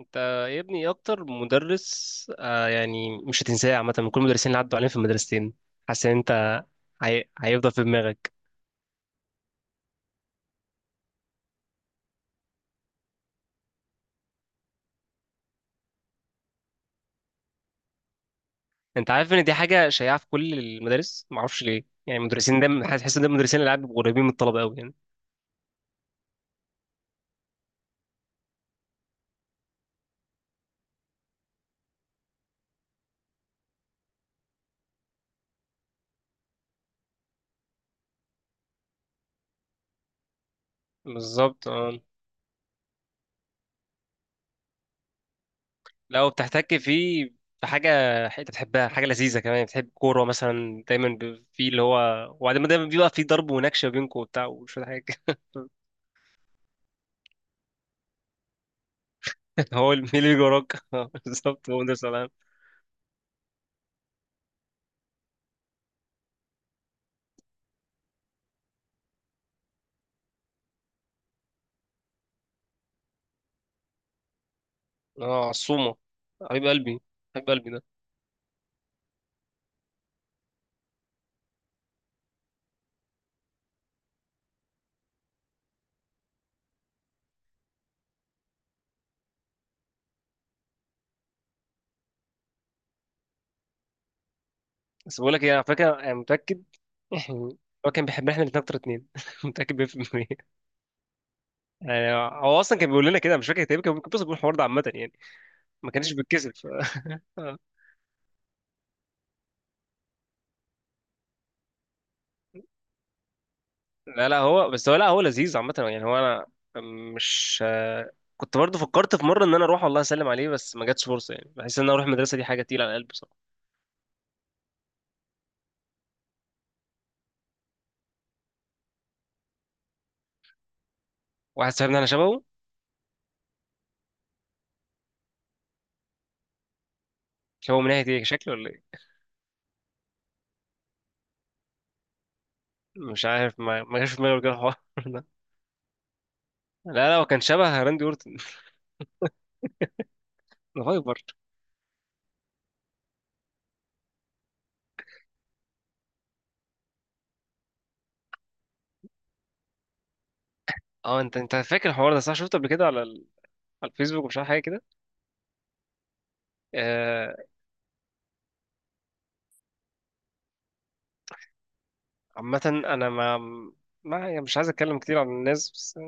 انت يا ابني ايه اكتر مدرس يعني مش هتنساه عامه، من كل المدرسين اللي عدوا علينا في المدرستين؟ حاسس ان انت هيفضل في دماغك. انت عارف ان دي حاجه شائعه في كل المدارس، معرفش ليه؟ يعني المدرسين دايما تحس ان ده المدرسين اللي قاعد قريبين من الطلبه قوي، يعني. بالظبط، اه. لو بتحتك فيه بحاجه انت بتحبها، حاجه لذيذه كمان، بتحب كوره مثلا دايما، في اللي هو، وبعدين دايما بيبقى في ضرب ونكشه بينكم وبتاع وشويه حاجه. هو مين اللي بيجي وراك؟ اه، بالظبط، هو مدرس العاب. اه، عصومة، حبيب قلبي. حبيب قلبي ده. بس بقول لك ايه، على فكرة، انا متأكد. هو كان بيحبنا احنا الاتنين اكتر، اتنين. متأكد 100%. يعني هو اصلا كان بيقول لنا كده، مش فاكر تقريبا، كان ممكن، بس بيقول الحوار ده عامة يعني. ما كانش بيتكسف. آه. لا هو بس، هو لا، هو لذيذ عامة يعني، هو انا مش. كنت برضه فكرت في مرة ان انا اروح والله اسلم عليه، بس ما جاتش فرصة يعني. بحس ان انا اروح المدرسة دي حاجة تقيلة على القلب بصراحة. واحد صاحبنا انا شبهه. شبهه من ناحية ايه؟ شكله ولا ايه؟ مش عارف، ما جاش في دماغي كده الحوار ده. لا هو كان شبه راندي اورتن، الهايبر. اه، انت فاكر الحوار ده؟ صح، شفته قبل كده على على الفيسبوك ومش عارف حاجه كده. آه... عامه انا ما ما يعني مش عايز اتكلم كتير عن الناس، بس.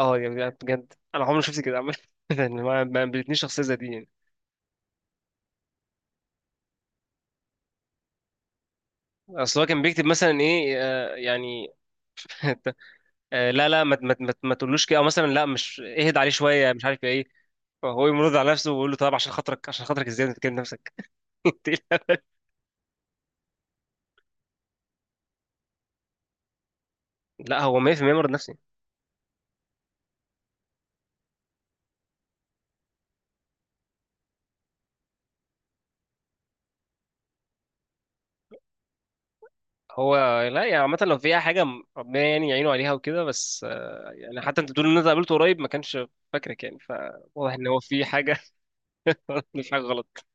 اه يعني، بجد انا عمري ما شفت كده عامه. يعني ما ما قابلتنيش شخصيه زي دي يعني. اصل هو كان بيكتب مثلا ايه، يعني. لا ما تقولوش كده، او مثلا لا مش اهد عليه شويه مش عارف ايه. هو يمرض على نفسه ويقول له طب عشان خاطرك، عشان خاطرك، ازاي انت بتكلم نفسك؟ إنت إيه الهبل؟ لا هو 100% مرض نفسي. هو لا يعني عامة، لو في أي حاجة ربنا يعني يعينه عليها وكده، بس. يعني حتى أنت بتقول إن أنت قابلته قريب ما كانش فاكرك يعني، فواضح إن هو في حاجة. مش حاجة غلط.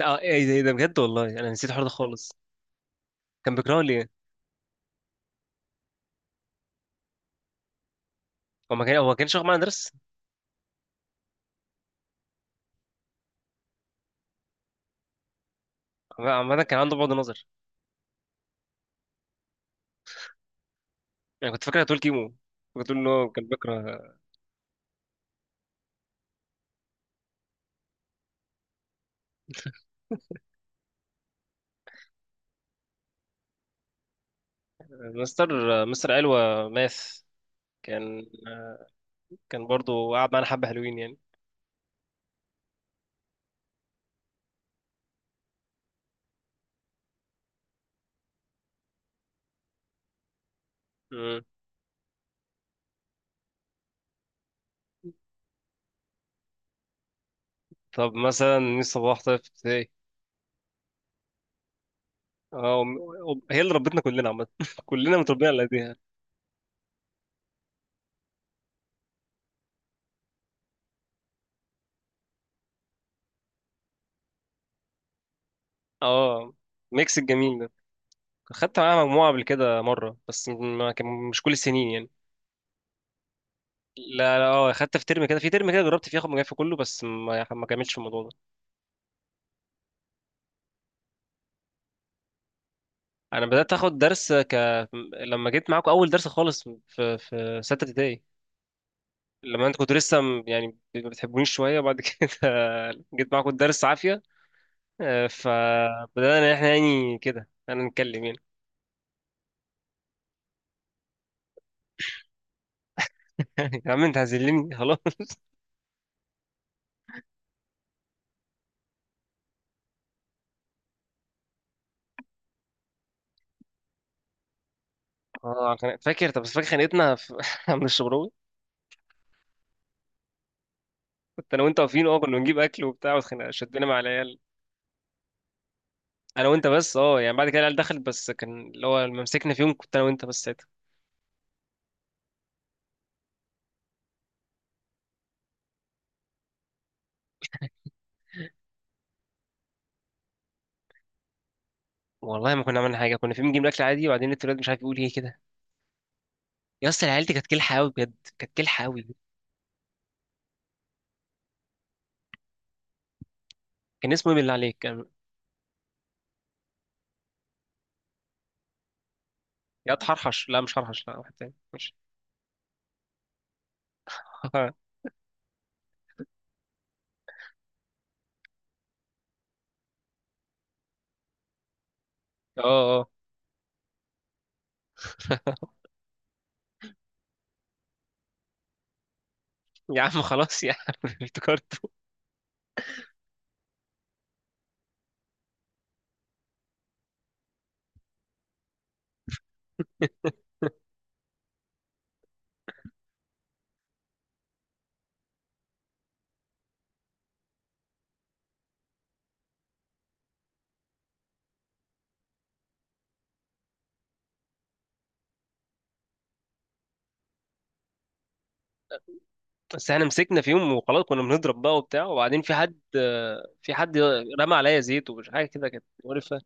اه، ايه ده، ايه ده، بجد والله انا نسيت الحوار ده خالص. كان بيكرهه ليه؟ هو ما كان، هو ما كانش واخد معايا درس. عامة كان عنده بعد نظر. يعني كنت فاكر هتقول كيمو، كنت تقول إن هو كان بيكره. مستر، مستر علوة ماث، كان. كان برضه قعد معانا حبة حلوين يعني. مم. طب مثلا مين؟ صباح طيب. اه، هي اللي ربتنا كلنا عامة. كلنا متربيين على ايديها. اه، ميكس الجميل ده. خدت معاها مجموعة قبل كده مرة، بس ما كان مش كل السنين يعني. لا لا اه، خدت في ترم كده، في ترم كده جربت فيه اخد مجموعة في كله، بس ما ما كملتش في الموضوع ده. انا بدأت اخد درس لما جيت معاكم اول درس خالص، في ستة ابتدائي. لما انت كنت لسه يعني ما بتحبونيش شوية بعد كده، جيت معاكم الدرس عافية. فبدأنا احنا يعني كده انا نتكلم يعني. يا عم انت هزلني خلاص. اه، فاكر، طب بس فاكر خانقتنا في عند الشبراوي؟ كنت انا وانت واقفين، اه، كنا بنجيب اكل وبتاع، شدنا مع العيال. انا وانت بس، اه يعني بعد كده العيال دخلت، بس كان اللي هو لما مسكنا فيهم كنت انا وانت بس ساعتها. والله ما كنا عملنا حاجه، كنا فيهم بنجيب الاكل عادي، وبعدين التولاد مش عارف يقول ايه كده. يا اسطى العيال دي كانت كلحه قوي، بجد كانت كلحه قوي. كان اسمه ايه بالله عليك، كان. يا حرحش، لا مش حرحش، لا واحد تاني، مش. اه. اه يا عم خلاص يا عم. افتكرته. بس احنا مسكنا في يوم وخلاص، كنا بنضرب بقى وبتاع، وبعدين في حد، في حد رمى عليا زيت ومش حاجه كده كانت مقرفه.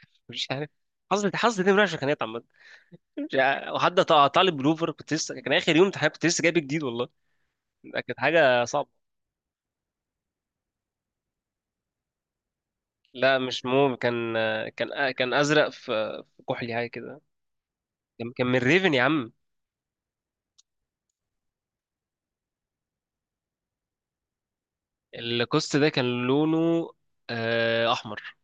مش عارف، حظي، حظي دي وحشه كانت عامه. مش عارف. وحد قطع، قطع لي بلوفر كنت لسه، كان اخر يوم امتحان كنت لسه جايب جديد والله. ده كانت حاجه صعبه. لا مش موم، كان، كان ازرق في، في كحلي حاجه كده. كان، كان من ريفن يا عم. الكوست ده كان لونه، احمر.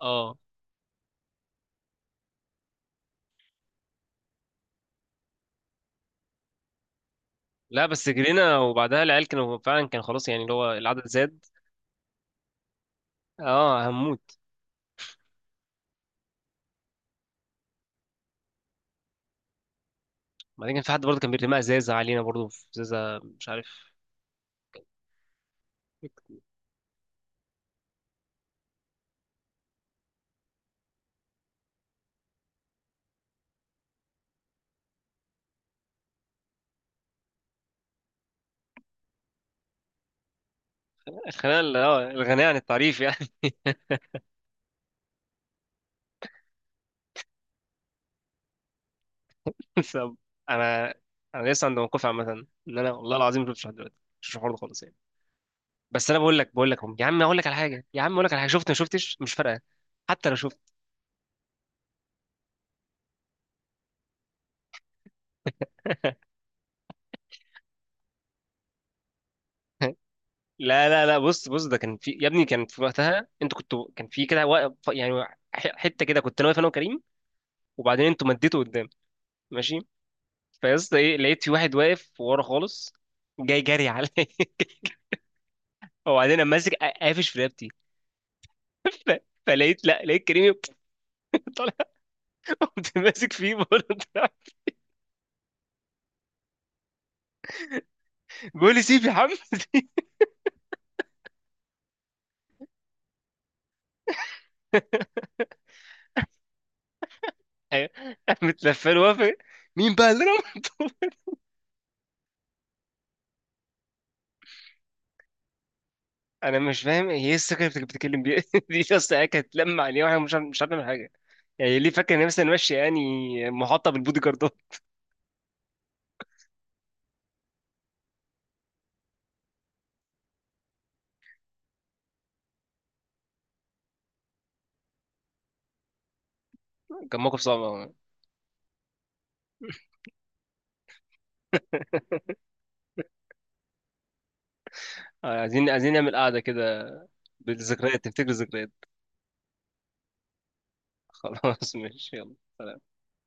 اه. لا بس جرينا، وبعدها العيال كانوا فعلا كان خلاص يعني، اللي هو العدد زاد. اه هموت. بعدين كان في حد برضه كان بيرمي ازازه علينا برضه، في ازازه مش عارف. الخناقه اللي هو الغنية عن التعريف يعني. طب، انا انا لسه عند موقفي عامه، ان انا والله العظيم ما شفتش لحد دلوقتي، مش شفتش الحوار ده خالص يعني. بس انا بقول لك يا عم، اقول لك على حاجه، يا عم اقول لك على حاجه، شفت ما شفتش مش فارقه. حتى لو شفت. لا بص ده كان في يا ابني، كان في وقتها انتوا كنتوا، كان في كده واقف يعني. حته كده كنت انا واقف، انا وكريم، وبعدين انتوا مديتوا قدام، ماشي. فيا اسطى ايه، لقيت في واحد واقف ورا خالص، جاي جري عليا. وبعدين انا ماسك قافش في رقبتي، فلقيت، لا لقيت كريمي طالع. قمت ماسك فيه برضه طلع. بيقول لي سيب يا محمد. أيوة. قامت لفه له وافق. مين بقى اللي رمى؟ انا مش فاهم هي ايه الثقه اللي بتتكلم بيها؟ دي اصلا هي كانت لما عليه، واحنا مش عارف نعمل حاجه. يعني ليه فاكر ان هي مثلا ماشي يعني محاطه بالبودي جاردات؟ كان موقف صعب أوي. آه، عايزين نعمل قعده كده بالذكريات، تفتكر، الذكريات. خلاص ماشي، يلا سلام.